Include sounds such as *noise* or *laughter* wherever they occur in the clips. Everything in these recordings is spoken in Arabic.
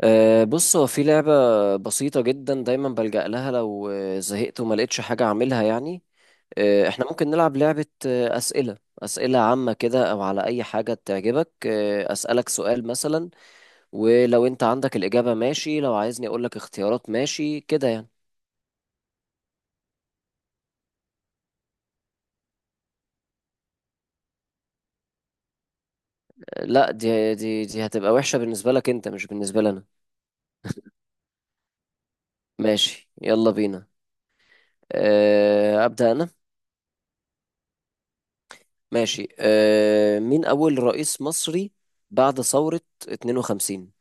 أه، بص، هو في لعبة بسيطة جدا، دايما بلجأ لها لو زهقت وما لقيتش حاجة أعملها يعني. احنا ممكن نلعب لعبة أسئلة عامة كده، أو على أي حاجة تعجبك. أسألك سؤال مثلا، ولو أنت عندك الإجابة ماشي، لو عايزني أقولك اختيارات ماشي كده يعني. لا، دي هتبقى وحشة بالنسبة لك أنت، مش بالنسبة لنا. ماشي، يلا بينا. أبدأ أنا. ماشي، مين أول رئيس مصري بعد ثورة 52؟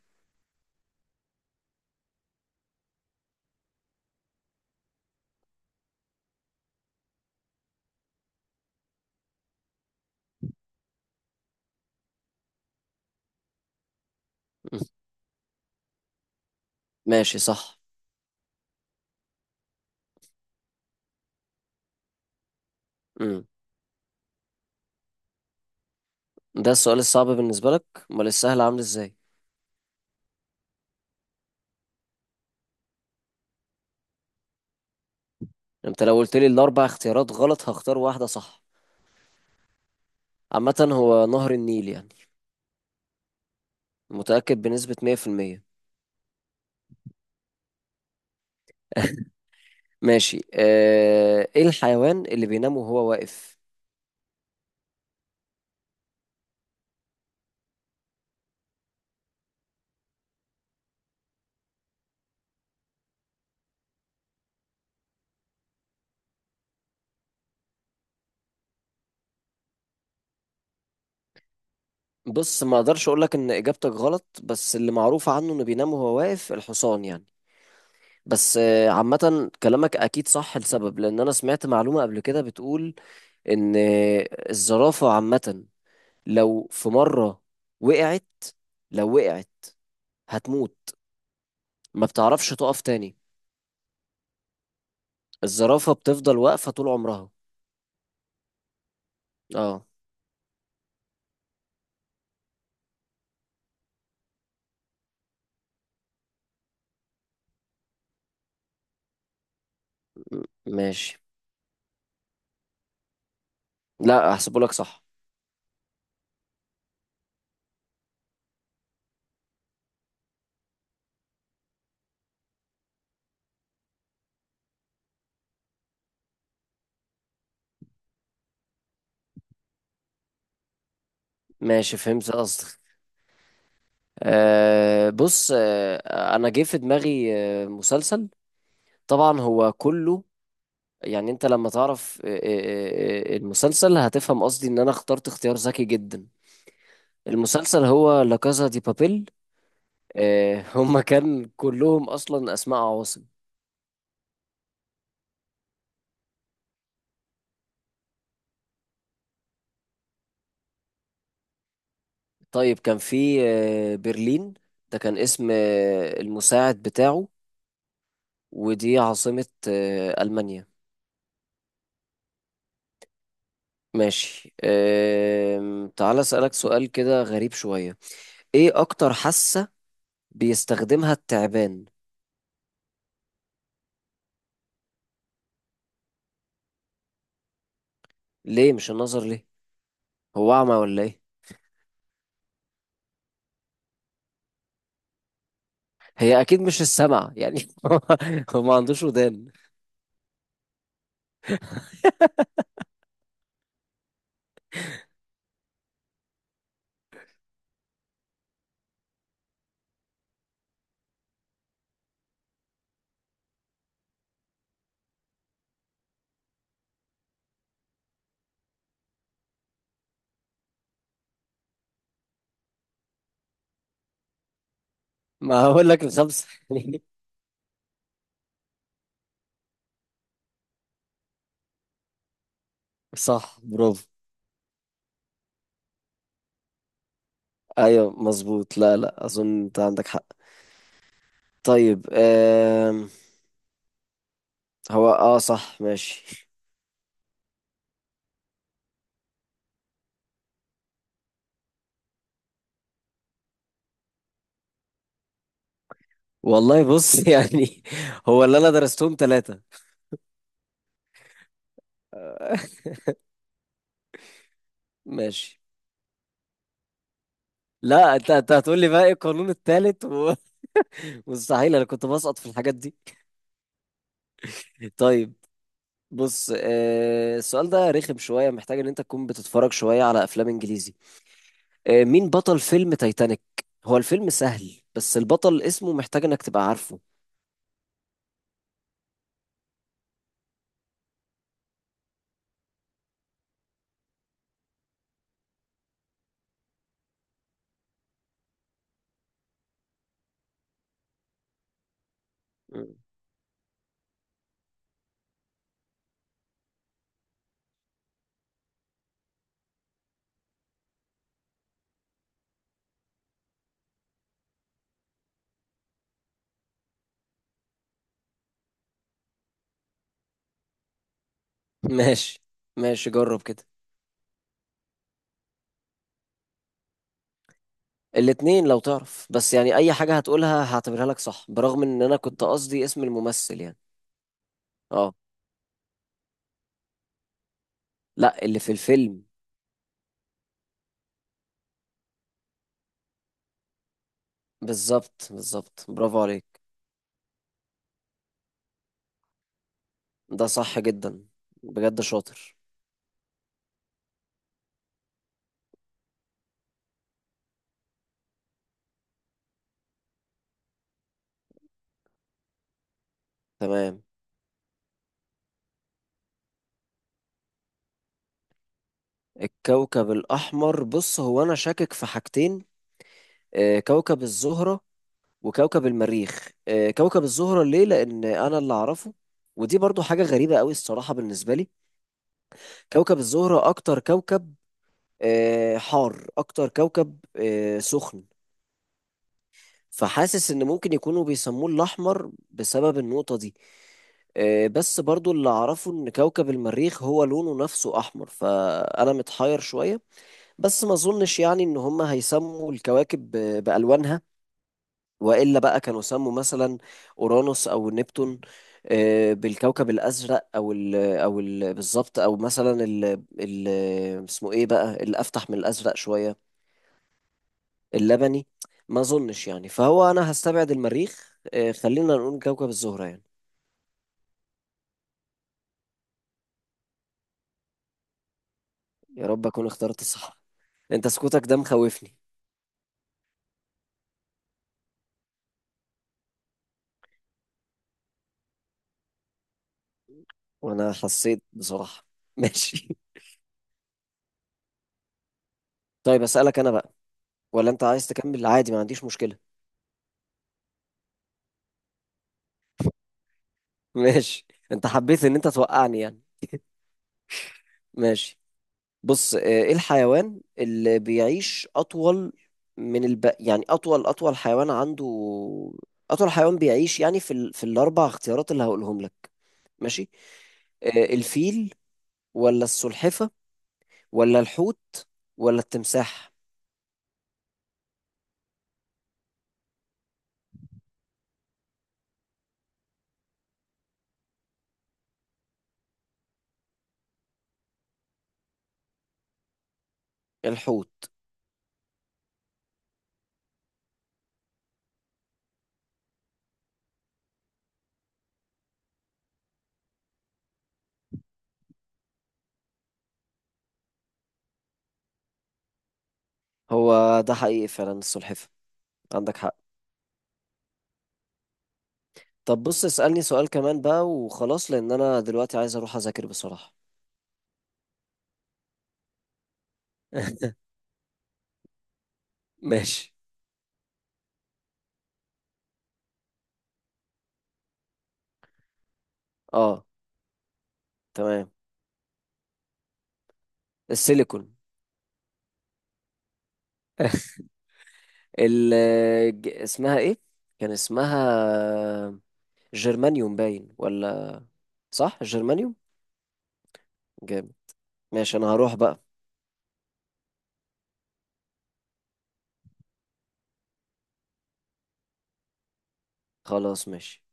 مم. ماشي، صح. مم. ده السؤال الصعب بالنسبة لك؟ امال السهل عامل ازاي؟ انت لو قلت لي الاربع اختيارات غلط، هختار واحدة صح. عامة هو نهر النيل يعني. متأكد بنسبة 100%. *laughs* ماشي. اه... ايه الحيوان اللي بينام وهو واقف؟ بص، ما اقدرش اقول لك ان اجابتك غلط، بس اللي معروف عنه انه بينام وهو واقف الحصان يعني. بس عامة كلامك أكيد صح لسبب، لأن أنا سمعت معلومة قبل كده بتقول إن الزرافة عامة لو في مرة وقعت، لو وقعت هتموت، ما بتعرفش تقف تاني. الزرافة بتفضل واقفة طول عمرها. اه. ماشي. لا، هحسبهولك صح. ماشي، فهمت قصدك. آه، بص، انا جه في دماغي مسلسل. طبعا هو كله يعني، انت لما تعرف المسلسل هتفهم قصدي ان انا اخترت اختيار ذكي جدا. المسلسل هو لا كازا دي بابيل. آه، هما كان كلهم اصلا اسماء عواصم. طيب، كان في برلين. ده كان اسم المساعد بتاعه، ودي عاصمة ألمانيا. ماشي. تعال أسألك سؤال كده غريب شوية. إيه أكتر حاسة بيستخدمها التعبان؟ ليه مش النظر؟ ليه، هو أعمى ولا إيه؟ هي أكيد مش السمع يعني. *laughs* هو، هو ما عندوش ودان. ما هقول لك الخمسة. *laughs* صح، برافو. أيوه، مظبوط. لا لا، أظن أنت عندك حق. طيب. هو اه صح، ماشي. والله بص، *laughs* يعني هو اللي انا درستهم ثلاثة. ماشي. لا، انت هتقول لي بقى ايه القانون الثالث *laughs* مستحيل، انا كنت بسقط في الحاجات دي. طيب، بص، السؤال ده رخم شوية، محتاج ان انت تكون بتتفرج شوية على افلام انجليزي. آه، مين بطل فيلم تايتانيك؟ هو الفيلم سهل، بس البطل اسمه محتاج انك تبقى عارفه. *laughs* ماشي، ماشي، جرب كده. الاتنين لو تعرف، بس يعني اي حاجة هتقولها هعتبرها لك صح، برغم ان انا كنت قصدي اسم الممثل يعني. اه، لا، اللي في الفيلم. بالظبط، بالظبط، برافو عليك. ده صح جدا، بجد شاطر. تمام. الكوكب الأحمر، بص، هو أنا شاكك في حاجتين: كوكب الزهرة، وكوكب المريخ. كوكب الزهرة ليه، لأن أنا اللي أعرفه، ودي برضو حاجة غريبة قوي الصراحة بالنسبة لي، كوكب الزهرة أكتر كوكب حار، أكتر كوكب سخن، فحاسس ان ممكن يكونوا بيسموه الاحمر بسبب النقطة دي. بس برضو اللي اعرفه ان كوكب المريخ هو لونه نفسه احمر، فانا متحير شوية. بس ما اظنش يعني ان هم هيسموا الكواكب بالوانها، والا بقى كانوا سموا مثلا اورانوس او نبتون بالكوكب الازرق، او ال بالظبط، او مثلا ال اسمه ايه بقى اللي افتح من الازرق شوية، اللبني. ما اظنش يعني، فهو انا هستبعد المريخ. خلينا نقول كوكب الزهرة يعني. يا رب اكون اخترت صح. انت سكوتك ده مخوفني. وانا حسيت بصراحة. *laughs* ماشي. طيب، اسألك انا بقى، ولا انت عايز تكمل عادي؟ ما عنديش مشكلة. *laughs* ماشي. انت حبيت ان انت توقعني يعني. ماشي، بص، ايه الحيوان اللي بيعيش اطول يعني اطول حيوان عنده، اطول حيوان بيعيش يعني، في في الاربع اختيارات اللي هقولهم لك. ماشي، آه، الفيل، ولا السلحفة، ولا الحوت، ولا التمساح؟ الحوت. هو ده حقيقي فعلا، السلحفة. عندك حق. طب بص، اسألني سؤال كمان بقى وخلاص، لأن أنا دلوقتي عايز أروح أذاكر بصراحة. *laughs* ماشي. اه، تمام. السيليكون. *laughs* ال اسمها ايه؟ كان اسمها جرمانيوم، باين، ولا؟ صح، جرمانيوم. جامد. ماشي، انا هروح بقى. خلاص، ماشي.